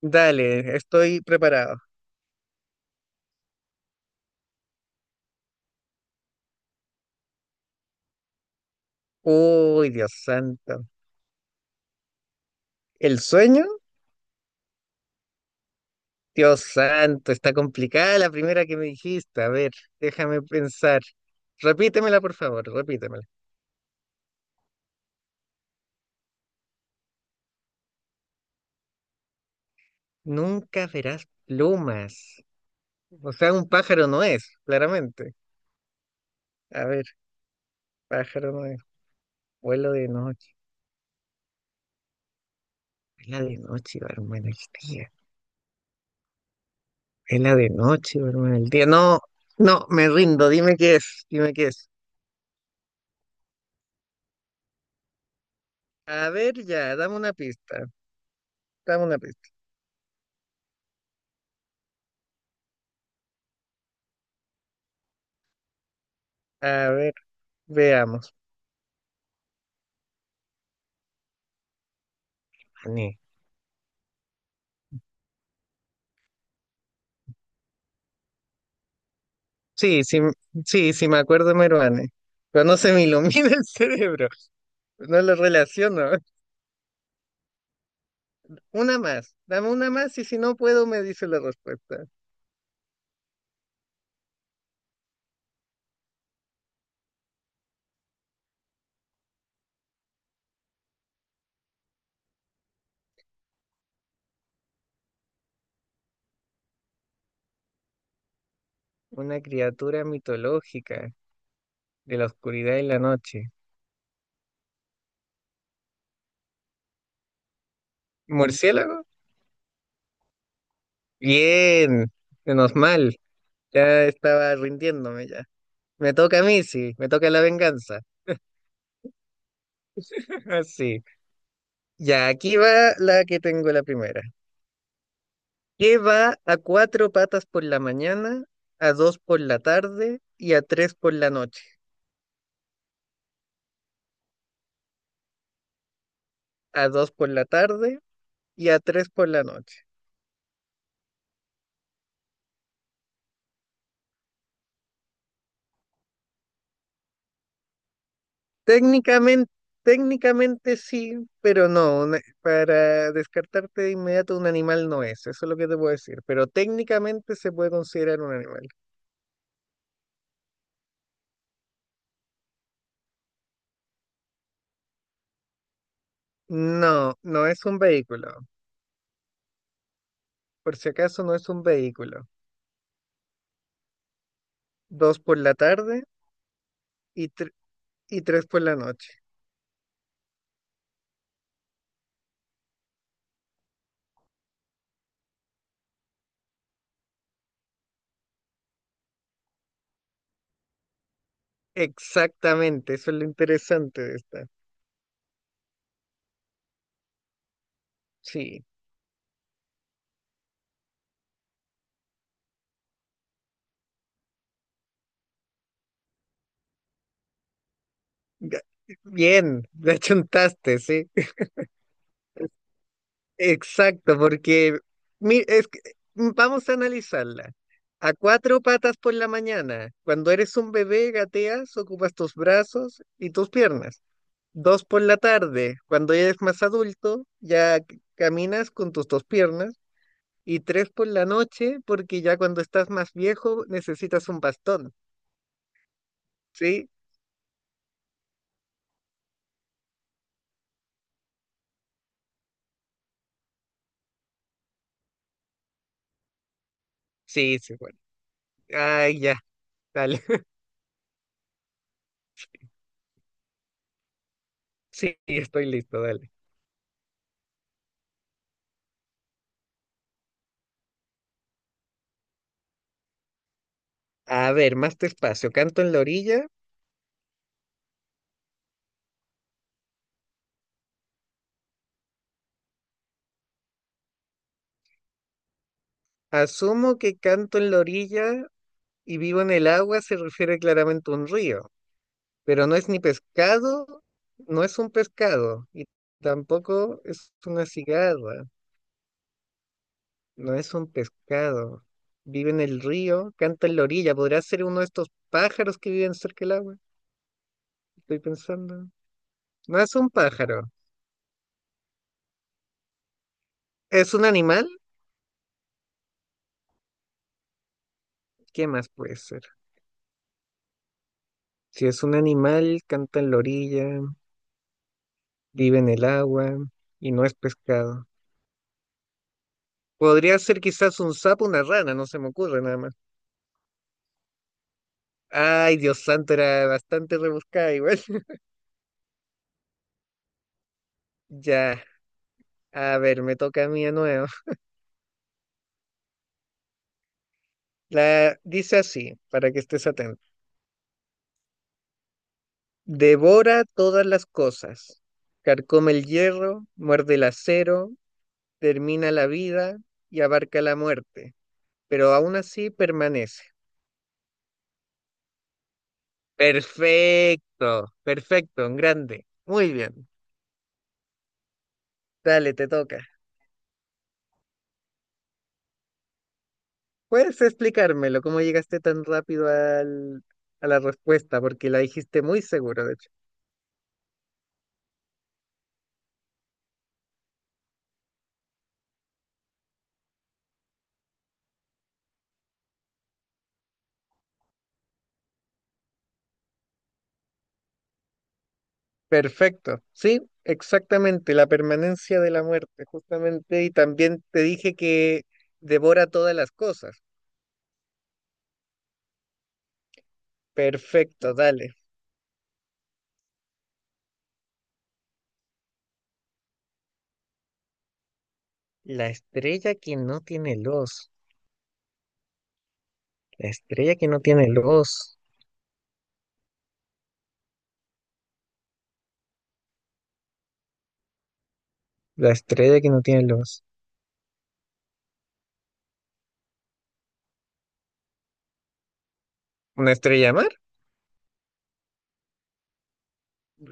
Dale, estoy preparado. Uy, Dios santo. ¿El sueño? Dios santo, está complicada la primera que me dijiste. A ver, déjame pensar. Repítemela, por favor, repítemela. Nunca verás plumas. O sea, un pájaro no es, claramente. A ver, pájaro no es. Vuelo de noche. Vela de noche, hermano, el día. Vela de noche, hermano, el día. No, no, me rindo. Dime qué es, dime qué es. A ver, ya, dame una pista. Dame una pista. A ver. Veamos. Mané. Sí, sí, sí, sí me acuerdo de Meruane. Pero no se me ilumina el cerebro. No lo relaciono. Una más. Dame una más y si no puedo me dice la respuesta. Una criatura mitológica de la oscuridad y la noche. ¿Murciélago? Bien. Menos mal. Ya estaba rindiéndome ya. Me toca a mí, sí. Me toca la venganza. Así. Ya, aquí va la que tengo la primera. Que va a cuatro patas por la mañana, a dos por la tarde y a tres por la noche. A dos por la tarde y a tres por la noche. Técnicamente, técnicamente sí, pero no. Para descartarte de inmediato, un animal no es. Eso es lo que te puedo decir. Pero técnicamente se puede considerar un animal. No, no es un vehículo. Por si acaso, no es un vehículo. Dos por la tarde y y tres por la noche. Exactamente, eso es lo interesante de esta. Sí, ga- bien, la chuntaste, sí. Exacto, porque mi- es que- vamos a analizarla. A cuatro patas por la mañana, cuando eres un bebé, gateas, ocupas tus brazos y tus piernas. Dos por la tarde, cuando ya eres más adulto, ya caminas con tus dos piernas. Y tres por la noche, porque ya cuando estás más viejo necesitas un bastón, ¿sí? Sí, sí, bueno. Ay, ya, dale. Sí, estoy listo, dale. A ver, más despacio. Canto en la orilla. Asumo que canto en la orilla y vivo en el agua se refiere claramente a un río, pero no es ni pescado, no es un pescado y tampoco es una cigarra, no es un pescado. Vive en el río, canta en la orilla. ¿Podrá ser uno de estos pájaros que viven cerca del agua? Estoy pensando. No es un pájaro, es un animal. ¿Qué más puede ser? Si es un animal, canta en la orilla, vive en el agua y no es pescado. Podría ser quizás un sapo, una rana, no se me ocurre nada más. Ay, Dios santo, era bastante rebuscada igual. Ya, a ver, me toca a mí de nuevo. La dice así, para que estés atento. Devora todas las cosas, carcome el hierro, muerde el acero, termina la vida y abarca la muerte, pero aún así permanece. Perfecto, perfecto, en grande. Muy bien. Dale, te toca. ¿Puedes explicármelo? ¿Cómo llegaste tan rápido a la respuesta? Porque la dijiste muy seguro, de hecho. Perfecto. Sí, exactamente. La permanencia de la muerte, justamente. Y también te dije que devora todas las cosas. Perfecto, dale. La estrella que no tiene luz. La estrella que no tiene luz. La estrella que no tiene luz. ¿Una estrella mar?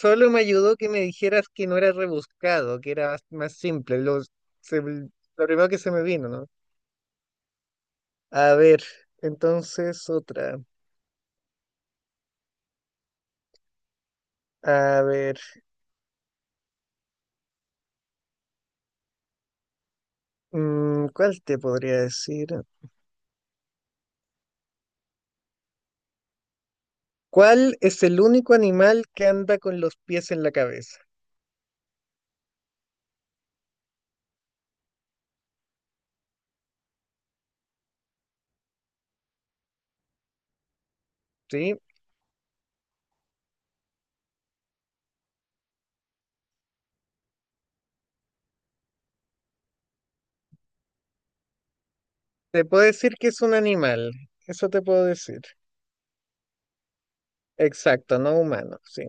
Solo me ayudó que me dijeras que no era rebuscado, que era más simple. Los, lo primero que se me vino, ¿no? A ver, entonces otra. A ver, ¿cuál te podría decir? ¿Cuál es el único animal que anda con los pies en la cabeza? ¿Sí? Te puedo decir que es un animal, eso te puedo decir. Exacto, no humano, sí.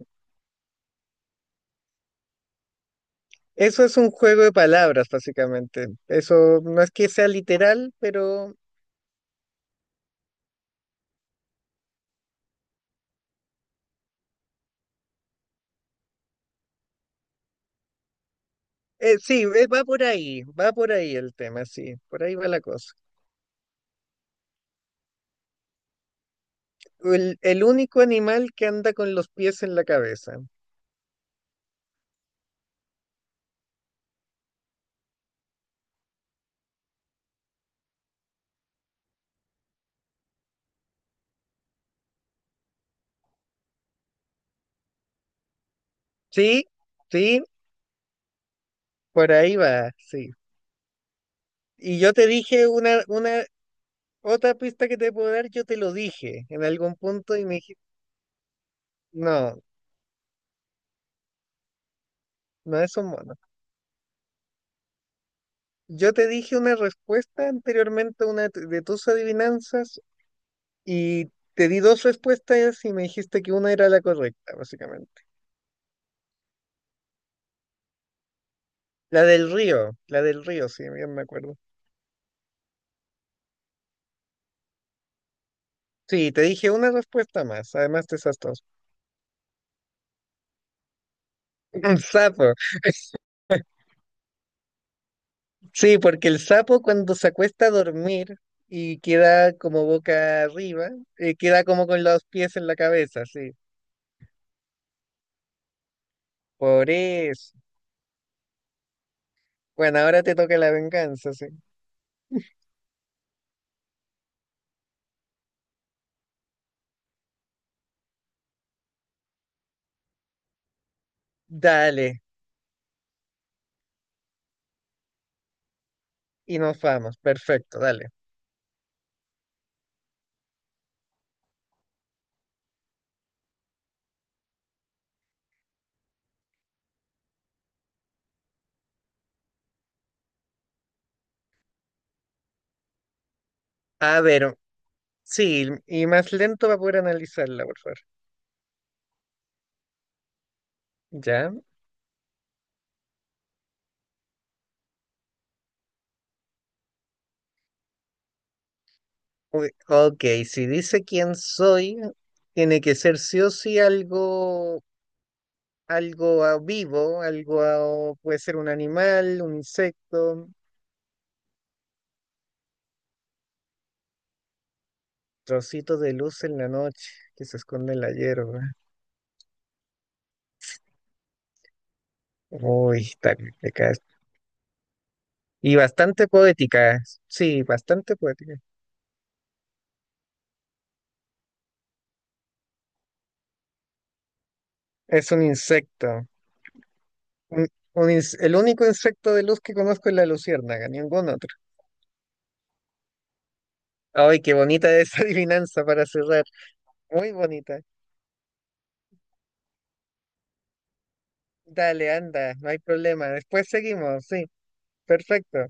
Eso es un juego de palabras, básicamente. Eso no es que sea literal, pero sí, va por ahí el tema, sí, por ahí va la cosa. El único animal que anda con los pies en la cabeza. Sí, sí. Por ahí va, sí. Y yo te dije otra pista que te puedo dar, yo te lo dije en algún punto y me dijiste, no, no es un mono. Yo te dije una respuesta anteriormente a una de tus adivinanzas y te di dos respuestas y me dijiste que una era la correcta, básicamente. La del río, sí, bien me acuerdo. Sí, te dije una respuesta más, además de esas dos. Un sapo. Sí, porque el sapo cuando se acuesta a dormir y queda como boca arriba, queda como con los pies en la cabeza, sí. Por eso. Bueno, ahora te toca la venganza, sí. Dale, y nos vamos. Perfecto, dale. A ver, sí, y más lento para poder analizarla, por favor. ¿Ya? Uy, ok, si dice quién soy, tiene que ser sí o sí algo, algo vivo, algo, puede ser un animal, un insecto. Trocito de luz en la noche que se esconde en la hierba. Uy, está complicada. Y bastante poética, sí, bastante poética. Es un insecto. un- el único insecto de luz que conozco es la luciérnaga, ningún otro. Ay, qué bonita esa adivinanza para cerrar. Muy bonita. Dale, anda, no hay problema. Después seguimos, sí. Perfecto.